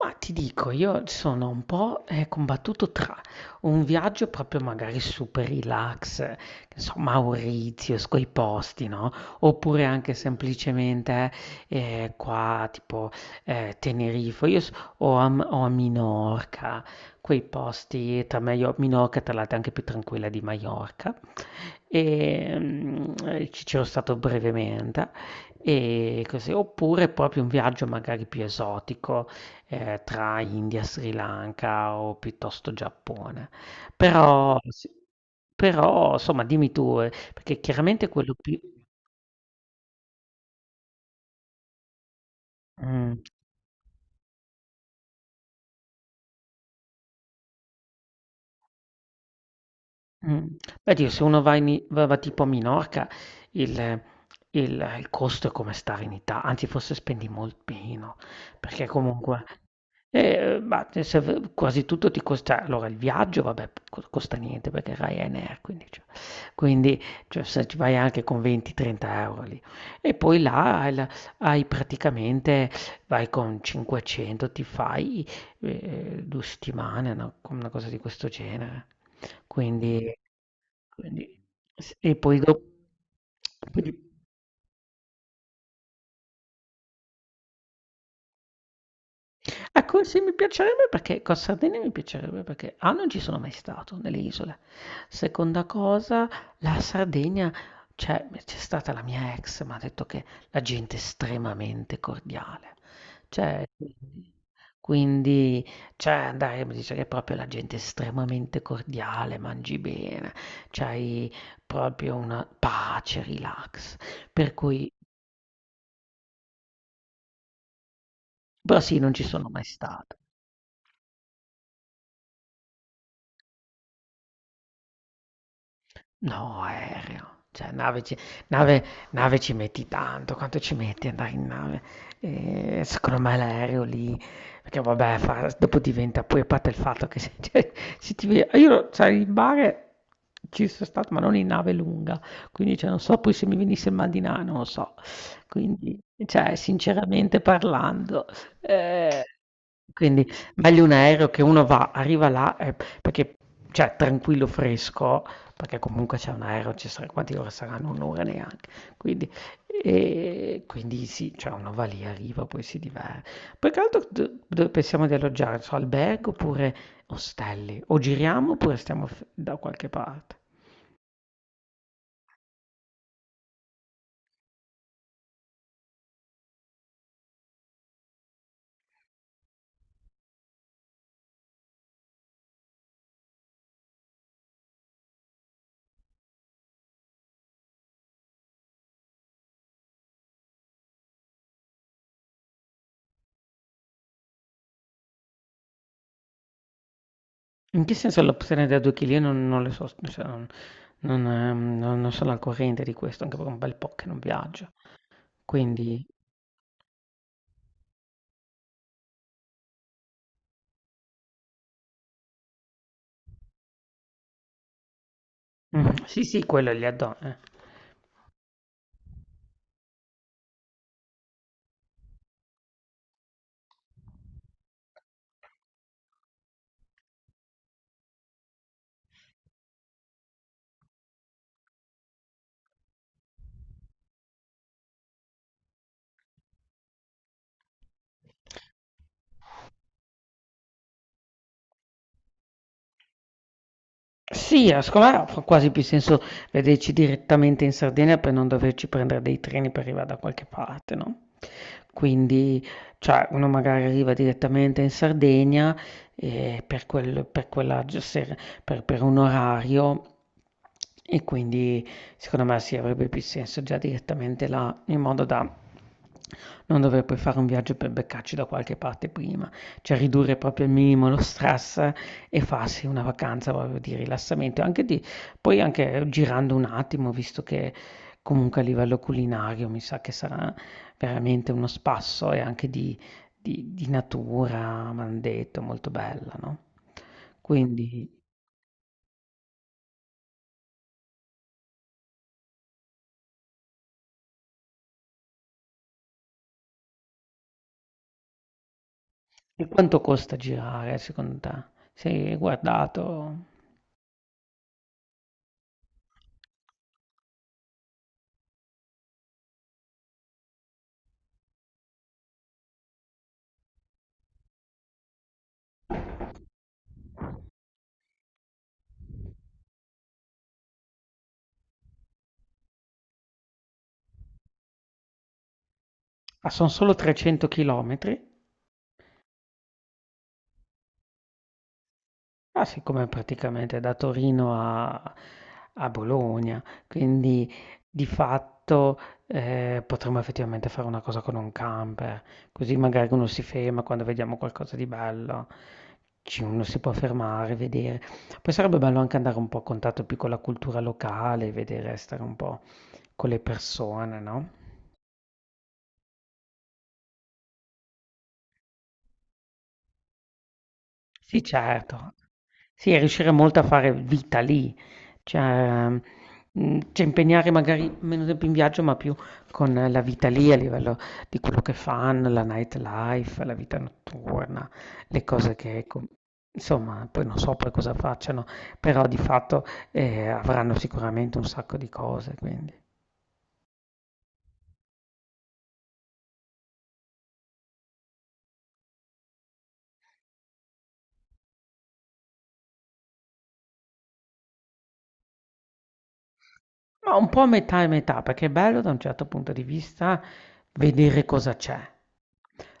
Ma ti dico, io sono un po', combattuto tra un viaggio proprio magari super relax, che so, Mauritius, quei posti, no? Oppure anche semplicemente qua, tipo Tenerife, o a, o a Minorca, quei posti, tra meglio, Minorca tra l'altro è anche più tranquilla di Maiorca, e, ci c'ero stato brevemente e così. Oppure proprio un viaggio magari più esotico, tra India, Sri Lanka o piuttosto Giappone. Però sì, però somma dimmi tu, perché chiaramente quello più mh. Mh. Beh, Dio, se uno va in i va va tipo a Minorca, il il il costo è come stare in Ita anzi forse spendi molt meno, perché comunque ma te se v quasi tutto ti costa allora il viaggio vabbè p co costa niente perché è Ryanair, quindi cioè se ci vai anche con 20, 30 € lì. E poi là hai praticamente vai con 500 ti fai 2 settimane, una cosa di questo genere. Quindi quindi s e poi do poi di Ecco, sì, mi piacerebbe perché Costa Sardegna mi piacerebbe perché A non ci sono mai stato nelle isole. Seconda cosa, la Sardegna, cioè c'è stata la mia ex, mi ha detto che la gente è estremamente cordiale. Cioè, quindi, cioè andare, mi dice che è proprio la gente estremamente cordiale, mangi bene, c'hai proprio una pace, relax. Per cui, però sì, non ci sono mai stato. No, aereo, cioè nave nave ci metti tanto, quanto ci metti ad andare in nave? Secondo me l'aereo lì perché vabbè fa dopo diventa poi a parte il fatto che se cioè se ti ve io cioè in mare ci so' stato, ma non in nave lunga, quindi cioè non so poi se mi venisse il mal di na non lo so. Quindi cioè sinceramente parlando, ehm, quindi meglio un aereo che uno va arriva là e perché cioè tranquillo, fresco, perché comunque c'è un aereo, ci sarà, quanti ore saranno? Un'ora neanche. Quindi, e quindi sì, cioè uno va lì, arriva, poi si diverte. Poi che altro dove pensiamo di alloggiare? Non so, albergo oppure ostelli? O giriamo oppure stiamo da qualche parte? In che senso l'opzione da 2 kg non le so, cioè, non, non sono al corrente di questo, anche per un bel po' che non viaggio. Quindi, mm, sì, sì, quello è gli addon. Eh. Sì, secondo me fa quasi più senso vederci direttamente in Sardegna per non doverci prendere dei treni per arrivare da qualche parte, no? Quindi, cioè, uno magari arriva direttamente in Sardegna per quella per un orario e quindi secondo me sì, avrebbe più senso già direttamente là, in modo da non dover poi fare un viaggio per beccarci da qualche parte prima, cioè ridurre proprio al minimo lo stress e farsi una vacanza proprio di rilassamento, anche di poi anche girando un attimo, visto che comunque a livello culinario mi sa che sarà veramente uno spasso e anche di, di natura, mi hanno detto, molto bella, no? Quindi, e quanto costa girare secondo te? Sei guardato? Ah, sono solo 300 chilometri. Ma siccome praticamente da Torino a Bologna, quindi di fatto, potremmo effettivamente fare una cosa con un camper, così magari uno si ferma quando vediamo qualcosa di bello, ci uno si può fermare, vedere. Poi sarebbe bello anche andare un po' a contatto più con la cultura locale, vedere, stare un po' con le persone, no? Sì, certo. Sì, e riuscire molto a fare vita lì, cioè, cioè impegnare magari meno tempo in viaggio, ma più con la vita lì a livello di quello che fanno, la nightlife, la vita notturna, le cose che, insomma, poi non so poi cosa facciano, però di fatto avranno sicuramente un sacco di cose, quindi. Ma un po' metà e metà, perché è bello da un certo punto di vista vedere cosa c'è,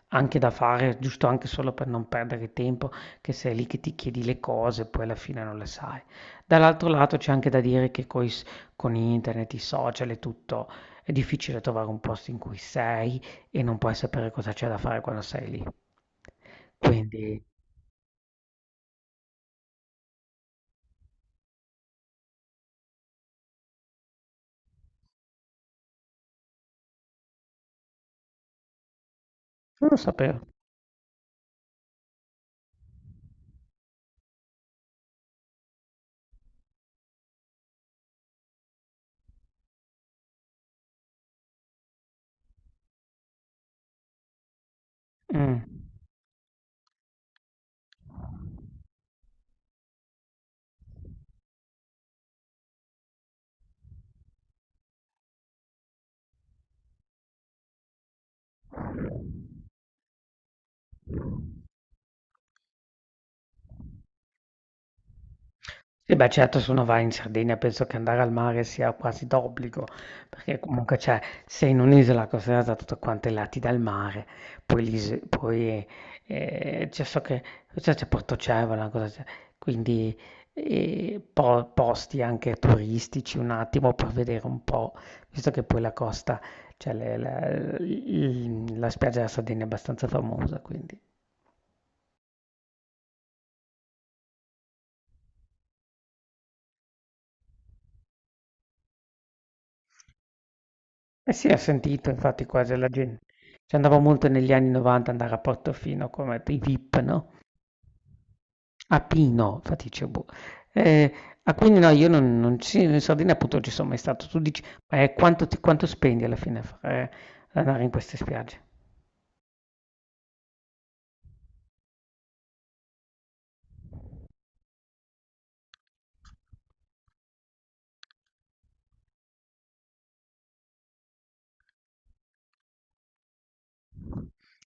anche da fare, giusto anche solo per non perdere tempo, che sei lì che ti chiedi le cose e poi alla fine non le sai. Dall'altro lato c'è anche da dire che con internet, i social e tutto, è difficile trovare un posto in cui sei e non puoi sapere cosa c'è da fare quando sei lì. Quindi, non lo sapevo. Mm. Sì, beh, certo, se uno va in Sardegna penso che andare al mare sia quasi d'obbligo, perché comunque c'è, sei in un'isola costellata da tutti quanti i lati dal mare, poi, poi c'è so che c'è Portocevole, cosa c'è, quindi posti anche turistici un attimo per vedere un po', visto che poi la costa, cioè la spiaggia della Sardegna è abbastanza famosa, quindi... Eh sì, ho sentito infatti quasi la gente. Ci andavo molto negli anni 90 andare a Portofino come i VIP, no? A Pino, infatti dicevo, boh. Eh, ah, quindi no, io non, in Sardegna appunto non ci sono mai stato. Tu dici, quanto spendi alla fine ad andare in queste spiagge?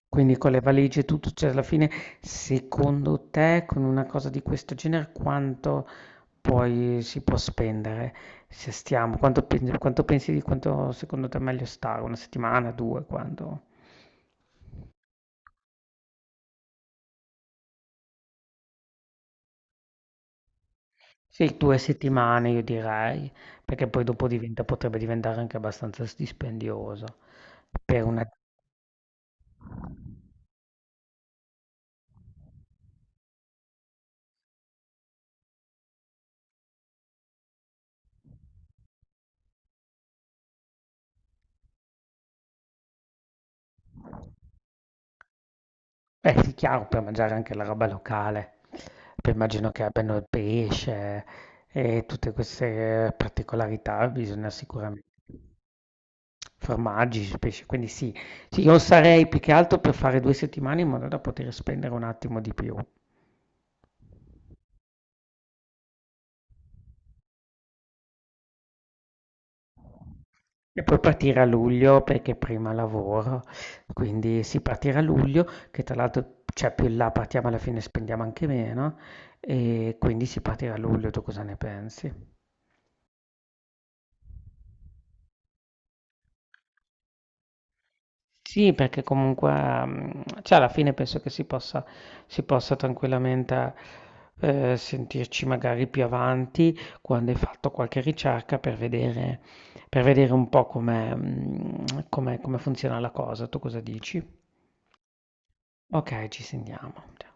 Quindi con le valigie e tutto, cioè alla fine, secondo te, con una cosa di questo genere, quanto poi si può spendere? Se stiamo, quanto pensi di quanto secondo te è meglio stare? Una settimana, due, quando? Sì, 2 settimane io direi, perché poi dopo diventa potrebbe diventare anche abbastanza s dispendioso per una. Eh sì, chiaro, per mangiare anche la roba locale. Poi immagino che abbiano il pesce e tutte queste particolarità, bisogna sicuramente formaggi, pesce, quindi sì. Sì, io sarei più che altro per fare 2 settimane in modo da poter spendere un attimo di più. E poi partire a luglio perché prima lavoro, quindi sì, partire a luglio, che tra l'altro, cioè più in là partiamo alla fine spendiamo anche meno, e quindi si partirà a luglio, tu cosa ne pensi? Sì, perché comunque, mm, cioè alla fine penso che si possa tranquillamente sentirci magari più avanti quando hai fatto qualche ricerca per vedere, un po' come, mm, come come funziona la cosa, tu cosa dici? Okay, ci sentiamo. Cia